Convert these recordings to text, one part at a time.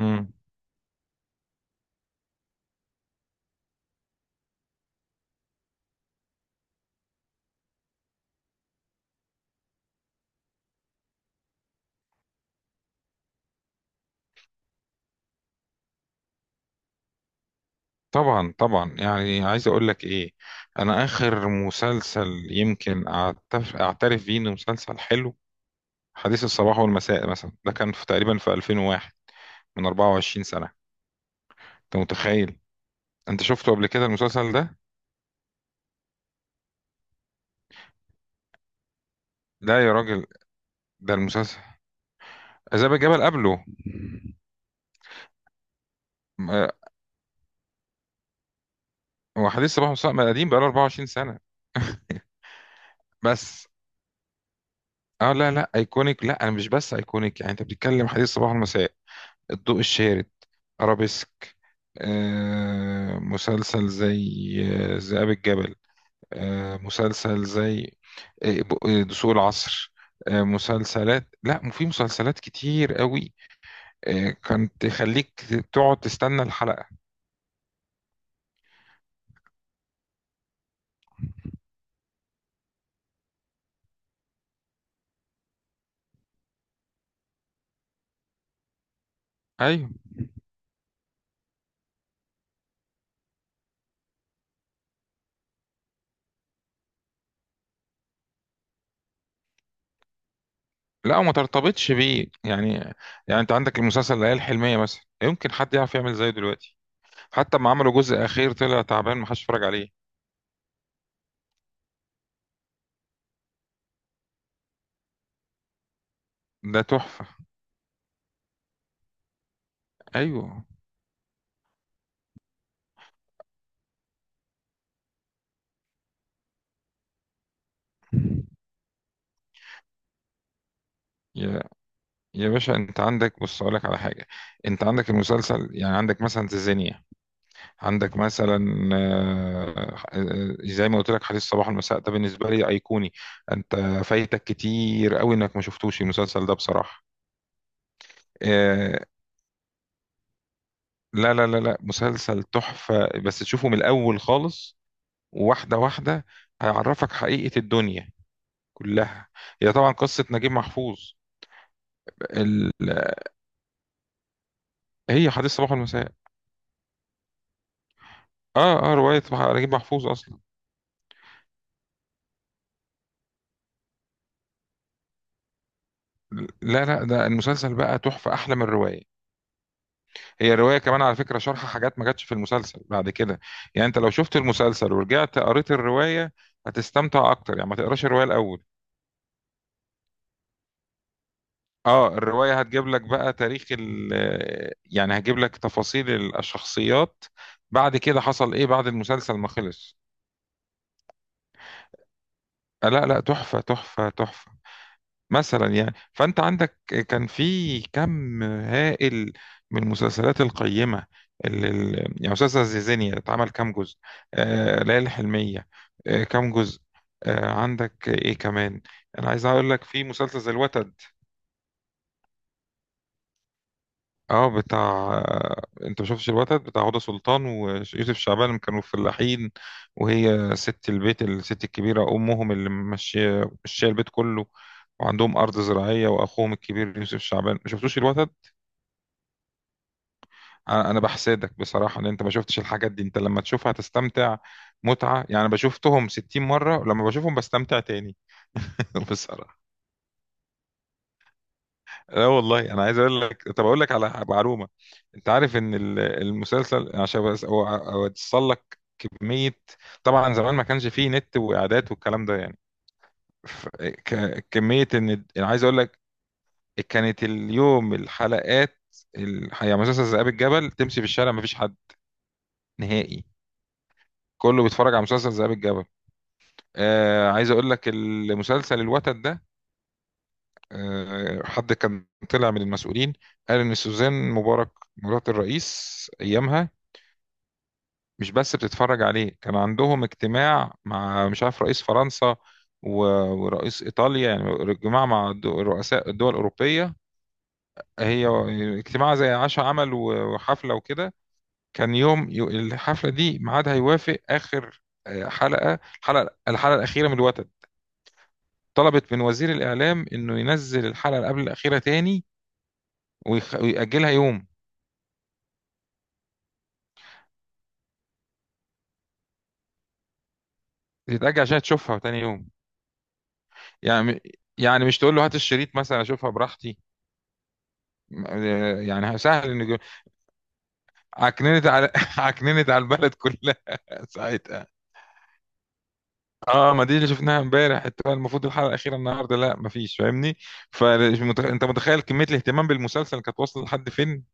مم. طبعا طبعا يعني عايز اقول لك ايه. انا اخر مسلسل يمكن اعترف بيه انه مسلسل حلو، حديث الصباح والمساء مثلا، ده كان في تقريبا في 2001، من 24 سنة. انت متخيل؟ انت شفته قبل كده المسلسل ده؟ لا يا راجل، ده المسلسل عذاب الجبل قبله. م- وحديث الصباح والمساء ما قديم، بقاله 24 سنة. بس اه، لا لا ايكونيك، لا انا مش بس ايكونيك. يعني انت بتتكلم حديث الصباح والمساء، الضوء الشارد، أرابيسك، مسلسل زي ذئاب الجبل، مسلسل زي دسوق العصر، مسلسلات، لا في مسلسلات كتير قوي، كانت تخليك تقعد تستنى الحلقة. ايوه، لا وما ترتبطش بيه يعني. يعني انت عندك المسلسل العيال الحلمية مثلا، يمكن حد يعرف يعمل زيه دلوقتي؟ حتى ما عملوا جزء اخير طلع تعبان، محدش اتفرج عليه. ده تحفة. ايوه، يا باشا انت عندك، بص اقول لك على حاجه. انت عندك المسلسل، يعني عندك مثلا تنزانيا، عندك مثلا زي ما قلت لك حديث الصباح والمساء ده بالنسبه لي ايقوني. انت فايتك كتير قوي انك ما شفتوش المسلسل ده بصراحه. آه، لا لا لا لا، مسلسل تحفه، بس تشوفه من الاول خالص، واحده واحده. هيعرفك حقيقه الدنيا كلها. هي طبعا قصه نجيب محفوظ. ال... هي حديث الصباح والمساء. اه اه، روايه نجيب محفوظ اصلا. لا لا، ده المسلسل بقى تحفة، أحلى من الرواية. هي الرواية كمان على فكرة شرح حاجات ما جاتش في المسلسل بعد كده. يعني أنت لو شفت المسلسل ورجعت قريت الرواية هتستمتع أكتر، يعني ما تقراش الرواية الأول. اه الرواية هتجيب لك بقى تاريخ ال، يعني هتجيب لك تفاصيل الشخصيات، بعد كده حصل ايه بعد المسلسل ما خلص. لا لا، تحفة تحفة تحفة، مثلا يعني. فانت عندك كان في كم هائل من المسلسلات القيمه، يعني مسلسل زيزينيا اتعمل كام جزء، آه ليالي الحلميه، آه كام جزء، آه عندك ايه كمان. انا عايز اقول لك في مسلسل زي الوتد. اه بتاع، آه انت ما شفتش الوتد بتاع هدى سلطان ويوسف شعبان لما كانوا فلاحين، وهي ست البيت، الست الكبيره امهم، اللي ماشيه ماشيه البيت كله، وعندهم ارض زراعيه، واخوهم الكبير يوسف شعبان. ما شفتوش الوتد؟ أنا بحسدك بصراحه ان انت ما شفتش الحاجات دي. انت لما تشوفها تستمتع متعه يعني. انا بشوفتهم 60 مره، ولما بشوفهم بستمتع تاني. بصراحه لا والله. انا عايز اقول لك، طب اقول لك على معلومه. انت عارف ان المسلسل، عشان بس اوصل لك كميه، طبعا زمان ما كانش فيه نت واعداد والكلام ده يعني، كميه، ان أنا عايز اقول لك كانت اليوم الحلقات يعني مسلسل ذئاب الجبل تمشي في الشارع ما فيش حد نهائي، كله بيتفرج على مسلسل ذئاب الجبل. آه عايز اقول لك، المسلسل الوتد ده، آه حد كان طلع من المسؤولين قال ان سوزان مبارك، مرات الرئيس ايامها، مش بس بتتفرج عليه، كان عندهم اجتماع مع مش عارف رئيس فرنسا و- ورئيس ايطاليا، يعني اجتماع مع رؤساء الدول الاوروبيه، هي اجتماع زي عشاء عمل وحفله وكده. كان يوم الحفله دي ميعادها يوافق اخر حلقه، الحلقه الاخيره من الوتد. طلبت من وزير الإعلام إنه ينزل الحلقة اللي قبل الأخيرة تاني، ويخ... ويأجلها يوم، تتأجل عشان تشوفها تاني يوم. يعني يعني مش تقول له هات الشريط مثلا أشوفها براحتي. م- يعني سهل إنه يجي-، عكننت على عكننت على البلد كلها. ساعتها اه، ما دي اللي شفناها امبارح، المفروض الحلقة الأخيرة النهاردة، لا مفيش، فاهمني؟ فأنت متخيل كمية الاهتمام بالمسلسل كانت واصلة لحد فين؟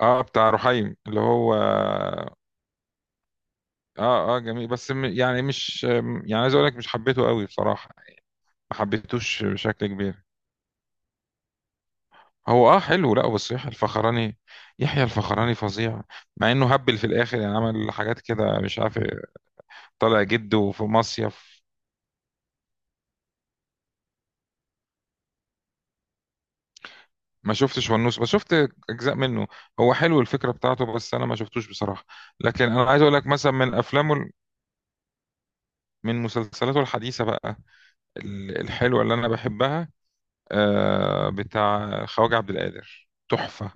اه بتاع رحيم اللي هو، اه اه جميل بس يعني مش، يعني عايز اقول لك مش حبيته قوي بصراحه، ما حبيتوش بشكل كبير. هو اه حلو، لا بس يحيى الفخراني، يحيى الفخراني فظيع، مع انه هبل في الاخر يعني، عمل حاجات كده مش عارف إيه، طالع جده في مصيف. ما شفتش ونوس بس شفت اجزاء منه. هو حلو الفكره بتاعته بس انا ما شفتوش بصراحه. لكن انا عايز اقول لك مثلا من من مسلسلاته الحديثه بقى، الحلوه اللي انا بحبها، بتاع خواجه عبد القادر، تحفه.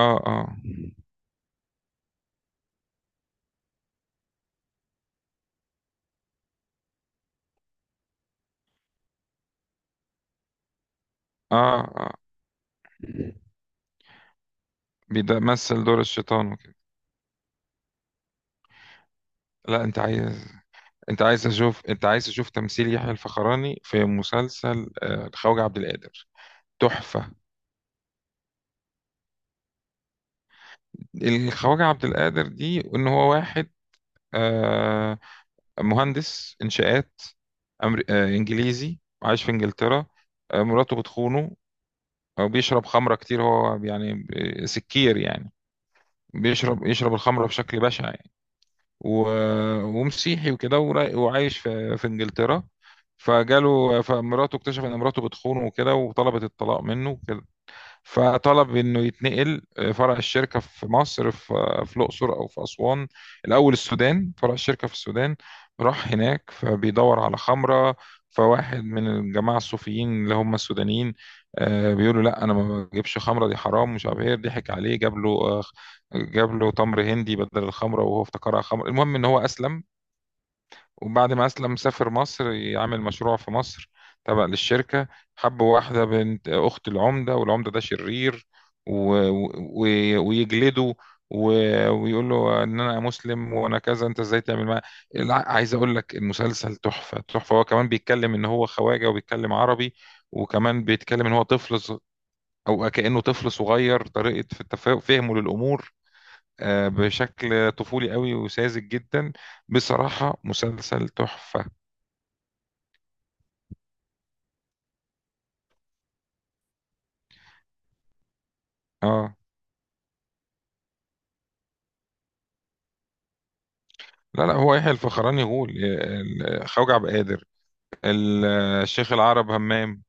اه اه اه اه، بيمثل دور الشيطان وكده. لا انت عايز، انت عايز اشوف، انت عايز تشوف تمثيل يحيى الفخراني في مسلسل الخواجة عبد القادر، تحفة. الخواجة عبد القادر دي ان هو واحد آه، مهندس انشاءات، أمر... آه، انجليزي عايش في انجلترا، مراته بتخونه، او بيشرب خمرة كتير هو يعني، سكير يعني، بيشرب يشرب الخمرة بشكل بشع يعني. و... ومسيحي وكده وعايش في في انجلترا، فجاله فمراته، اكتشف ان مراته بتخونه وكده وطلبت الطلاق منه، فطلب انه يتنقل فرع الشركه في مصر في في الاقصر او في اسوان، الاول السودان، فرع الشركه في السودان. راح هناك فبيدور على خمره، فواحد من الجماعه الصوفيين اللي هم السودانيين بيقولوا لا انا ما بجيبش خمره دي حرام مش عارف ايه، ضحك عليه جاب له جاب له تمر هندي بدل الخمره وهو افتكرها خمره. المهم ان هو اسلم، وبعد ما أسلم سافر مصر يعمل مشروع في مصر تبع للشركة، حب واحدة بنت أخت العمدة، والعمدة ده شرير، و... و... ويجلده و... ويقول له إن أنا مسلم وأنا كذا، أنت إزاي تعمل معايا. عايز أقول لك المسلسل تحفة تحفة. هو كمان بيتكلم إن هو خواجة وبيتكلم عربي، وكمان بيتكلم إن هو طفل أو كأنه طفل صغير، طريقة في فهمه للأمور بشكل طفولي قوي وساذج جدا. بصراحة مسلسل تحفة. اه لا لا هو يحيى الفخراني يقول خوجة عبد القادر، الشيخ العرب همام.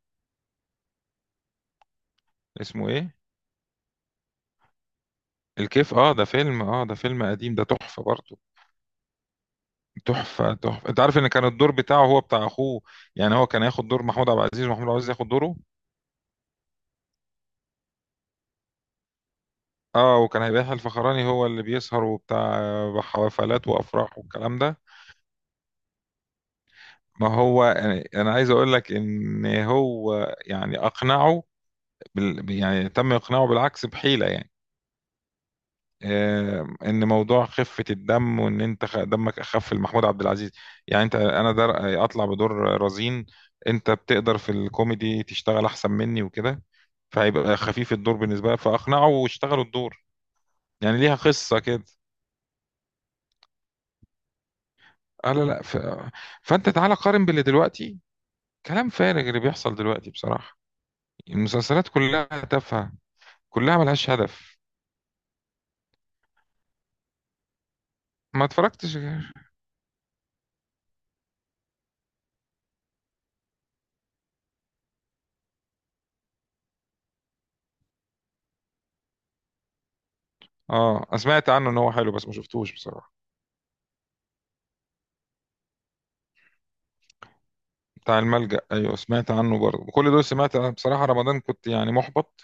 اسمه ايه الكيف؟ اه ده فيلم، اه ده فيلم قديم، ده تحفة برضه. تحفة تحفة. انت عارف ان كان الدور بتاعه هو بتاع اخوه، يعني هو كان هياخد دور محمود عبد العزيز ومحمود عبد العزيز ياخد دوره. اه وكان هيبقى يحيى الفخراني هو اللي بيسهر وبتاع حفلات وافراح والكلام ده. ما هو أنا عايز اقول لك ان هو يعني اقنعه يعني تم اقناعه بالعكس بحيلة يعني. ان موضوع خفه الدم، وان انت دمك اخف لمحمود عبد العزيز، يعني انت انا در اطلع بدور رزين، انت بتقدر في الكوميدي تشتغل احسن مني وكده، فهيبقى خفيف الدور بالنسبه لك. فاقنعه واشتغلوا الدور. يعني ليها قصه كده. آه لا لا ف... فانت تعالى قارن باللي دلوقتي، كلام فارغ اللي بيحصل دلوقتي بصراحه، المسلسلات كلها تافهه، كلها ملهاش هدف. ما اتفرجتش غير-، اه أنا سمعت عنه ان هو حلو بس ما شفتوش بصراحه. بتاع الملجأ ايوه سمعت عنه برضه، كل دول سمعت، أنا بصراحة رمضان كنت يعني محبط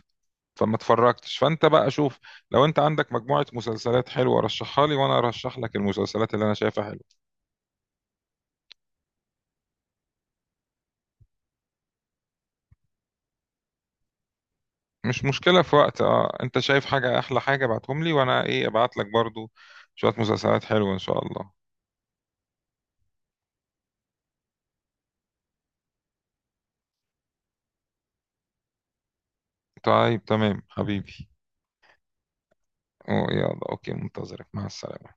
فما اتفرجتش. فانت بقى شوف، لو انت عندك مجموعة مسلسلات حلوة رشحها لي، وانا ارشح لك المسلسلات اللي انا شايفها حلوة، مش مشكلة في وقت. اه انت شايف حاجة احلى حاجة ابعتهم لي، وانا ايه ابعت لك برضه شوية مسلسلات حلوة ان شاء الله. طيب تمام حبيبي، أوه يلا اوكي، منتظرك، مع السلامة.